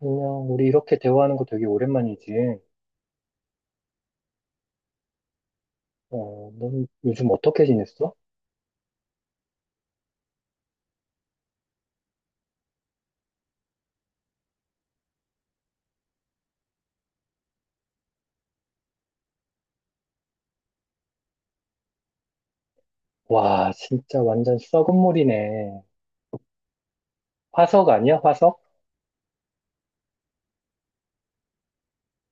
안녕, 우리 이렇게 대화하는 거 되게 오랜만이지. 어, 넌 요즘 어떻게 지냈어? 와, 진짜 완전 썩은 물이네. 화석 아니야, 화석?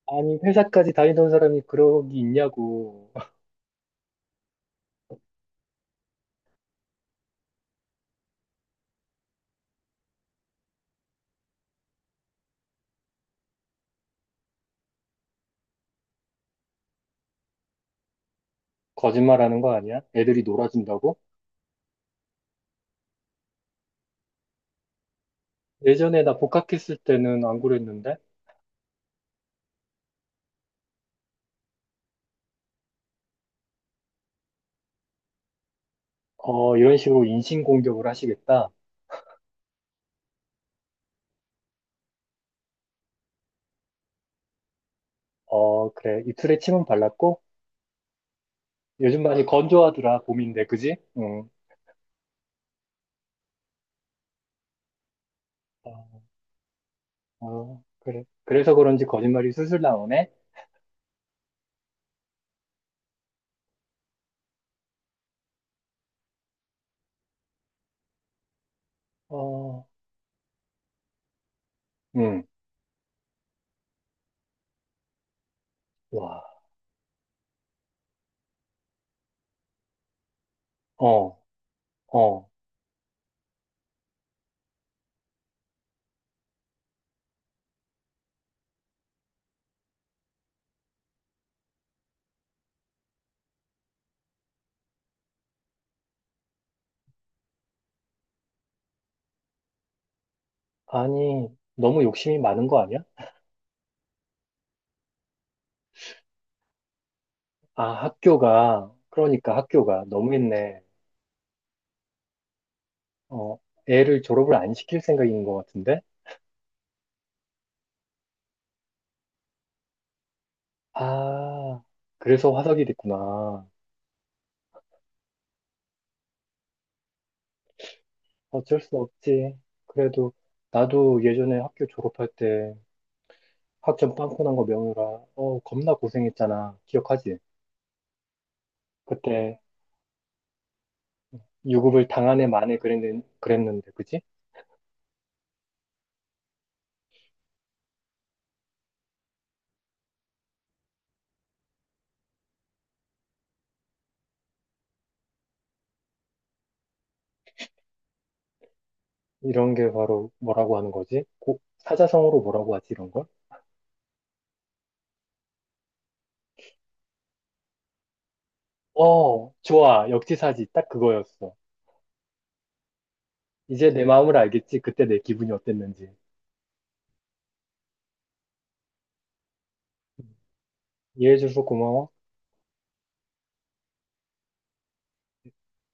아니, 회사까지 다니던 사람이 그러기 있냐고. 거짓말하는 거 아니야? 애들이 놀아준다고? 예전에 나 복학했을 때는 안 그랬는데? 어, 이런 식으로 인신공격을 하시겠다. 어, 그래. 이틀에 침은 발랐고? 요즘 많이 건조하더라, 봄인데, 그지? 응. 어, 어, 그래. 그래서 그런지 거짓말이 술술 나오네? 어. 응. 와, 어, 어. 아니, 너무 욕심이 많은 거 아니야? 아, 학교가, 그러니까 학교가 너무했네. 어, 애를 졸업을 안 시킬 생각인 것 같은데? 아, 그래서 화석이 됐구나. 어쩔 수 없지. 그래도 나도 예전에 학교 졸업할 때 학점 빵꾸 난 거 명유라, 어, 겁나 고생했잖아. 기억하지? 그때 유급을 당한 애 만에 그랬는데, 그지? 이런 게 바로 뭐라고 하는 거지? 고, 사자성어로 뭐라고 하지, 이런 걸? 어, 좋아. 역지사지. 딱 그거였어. 이제 내 마음을 알겠지. 그때 내 기분이 어땠는지. 음, 이해해줘서 고마워.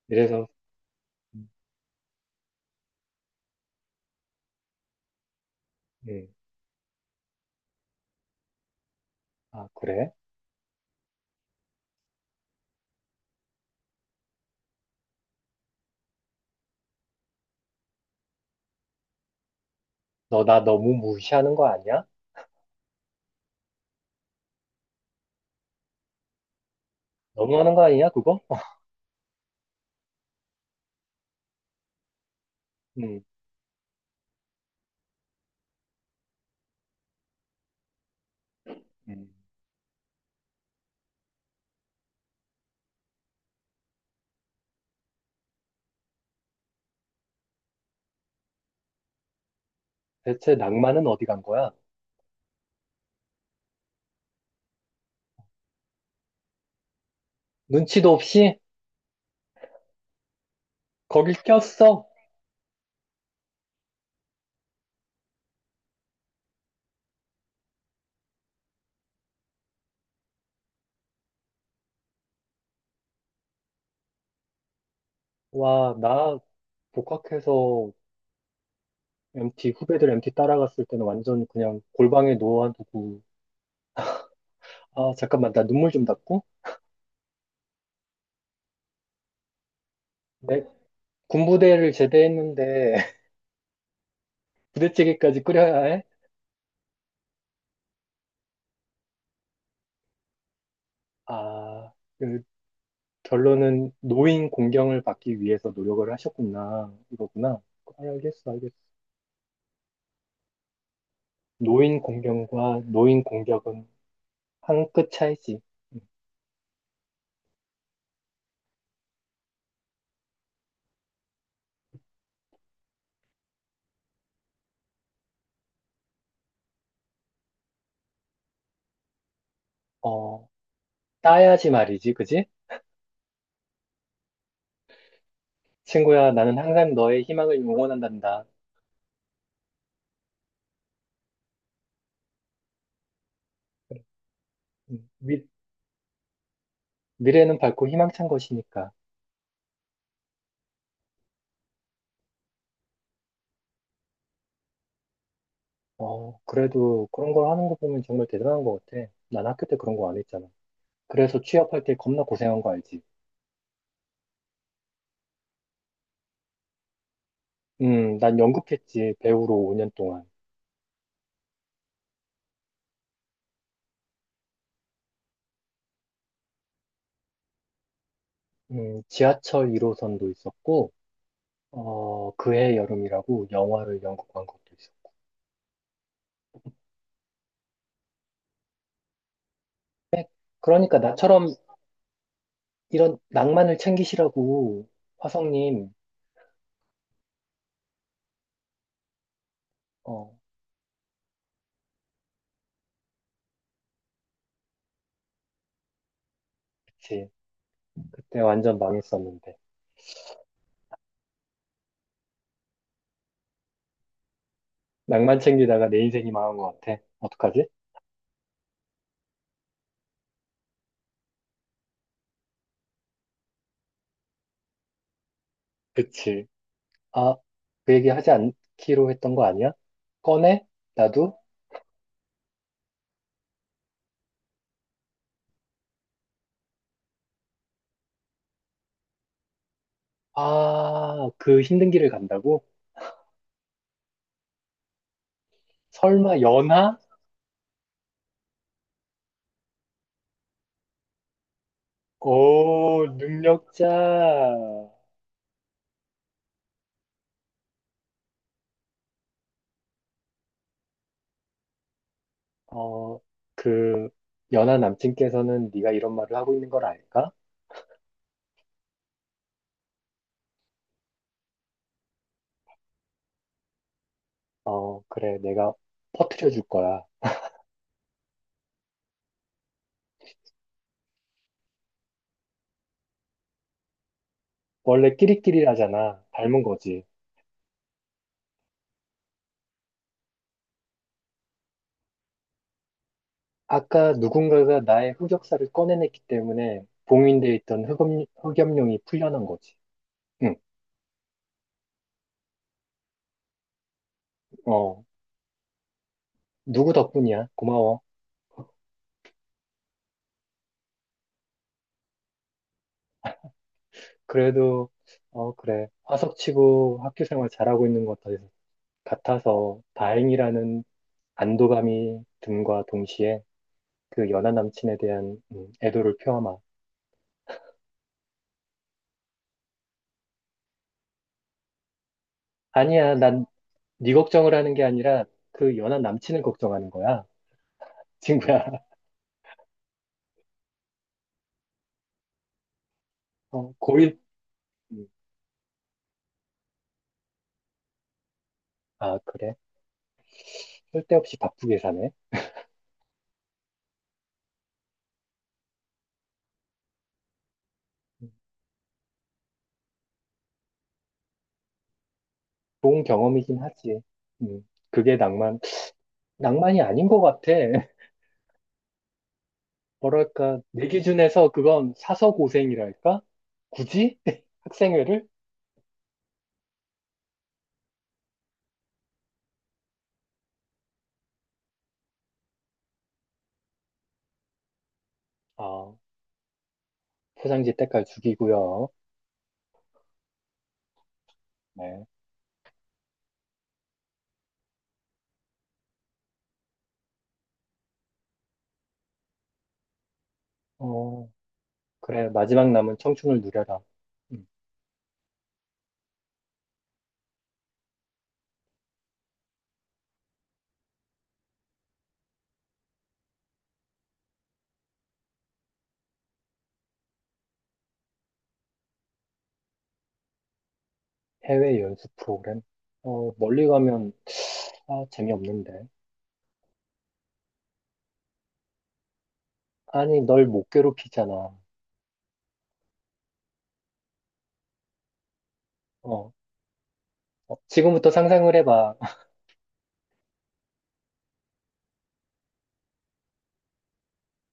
이래서, 음, 음. 아, 그래? 너 나 너무 무시하는 거 아니야? 너무하는 거 아니야, 그거? 음, 음. 대체 낭만은 어디 간 거야? 눈치도 없이 거길 꼈어. 와, 나 복학해서 MT 후배들 MT 따라갔을 때는 완전 그냥 골방에 놓아두고. 아, 잠깐만, 나 눈물 좀 닦고. 내 군부대를 제대했는데 부대찌개까지 끓여야 해? 아, 그 결론은 노인 공경을 받기 위해서 노력을 하셨구나. 이거구나. 아, 알겠어, 알겠어. 노인 공경과 노인 공격은 한 끗 차이지. 음. 어, 따야지 말이지, 그지? 친구야, 나는 항상 너의 희망을 응원한단다. 그래. 음, 미, 미래는 밝고 희망찬 것이니까. 어, 그래도 그런 걸 하는 거 보면 정말 대단한 것 같아. 난 학교 때 그런 거 안 했잖아. 그래서 취업할 때 겁나 고생한 거 알지? 난 연극했지, 배우로 5년 동안. 지하철 1호선도 있었고, 어, 그해 여름이라고 영화를 연극한 것도 있었고. 그러니까 나처럼 이런 낭만을 챙기시라고, 화성님, 어, 그치. 그때 완전 망했었는데. 낭만 챙기다가 내 인생이 망한 것 같아. 어떡하지? 그치. 아, 그 얘기 하지 않기로 했던 거 아니야? 꺼내? 나도? 아, 그 힘든 길을 간다고? 설마 연하? 오, 능력자. 어, 그 연하 남친께서는 네가 이런 말을 하고 있는 걸 알까? 어, 그래, 내가 퍼뜨려 줄 거야. 원래 끼리끼리라잖아. 닮은 거지. 아까 누군가가 나의 흑역사를 꺼내냈기 때문에 봉인돼 있던 흑염룡이 풀려난 거지. 응, 어, 누구 덕분이야? 고마워. 그래도, 어, 그래. 화석치고 학교 생활 잘하고 있는 것 같아서 다행이라는 안도감이 듦과 동시에 그 연하 남친에 대한 애도를 표하마. 아니야, 난 네 걱정을 하는 게 아니라 그 연하 남친을 걱정하는 거야, 친구야. 어, 고일. 음, 아, 그래. 쓸데없이 바쁘게 사네. 음, 좋은 경험이긴 하지. 그게 낭만. 낭만이 아닌 것 같아. 뭐랄까, 내 기준에서 그건 사서 고생이랄까? 굳이? 학생회를? 아, 포장지 때깔 죽이고요. 네. 어, 그래, 마지막 남은 청춘을 누려라. 음, 해외 연수 프로그램? 어, 멀리 가면 다 재미없는데. 아니, 널 못 괴롭히잖아. 어, 어, 지금부터 상상을 해봐.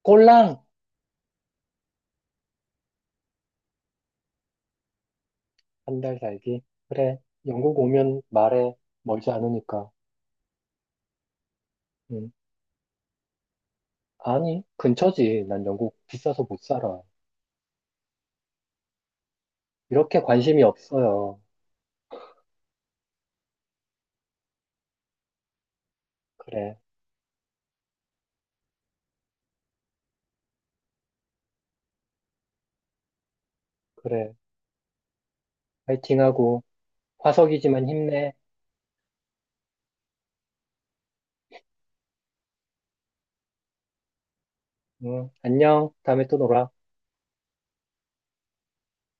꼴랑! 한 달 살기. 그래, 영국 오면 말해. 멀지 않으니까. 음, 아니, 근처지. 난 영국 비싸서 못 살아. 이렇게 관심이 없어요. 그래, 그래. 파이팅하고, 화석이지만 힘내. 응, 안녕. 다음에 또 놀아.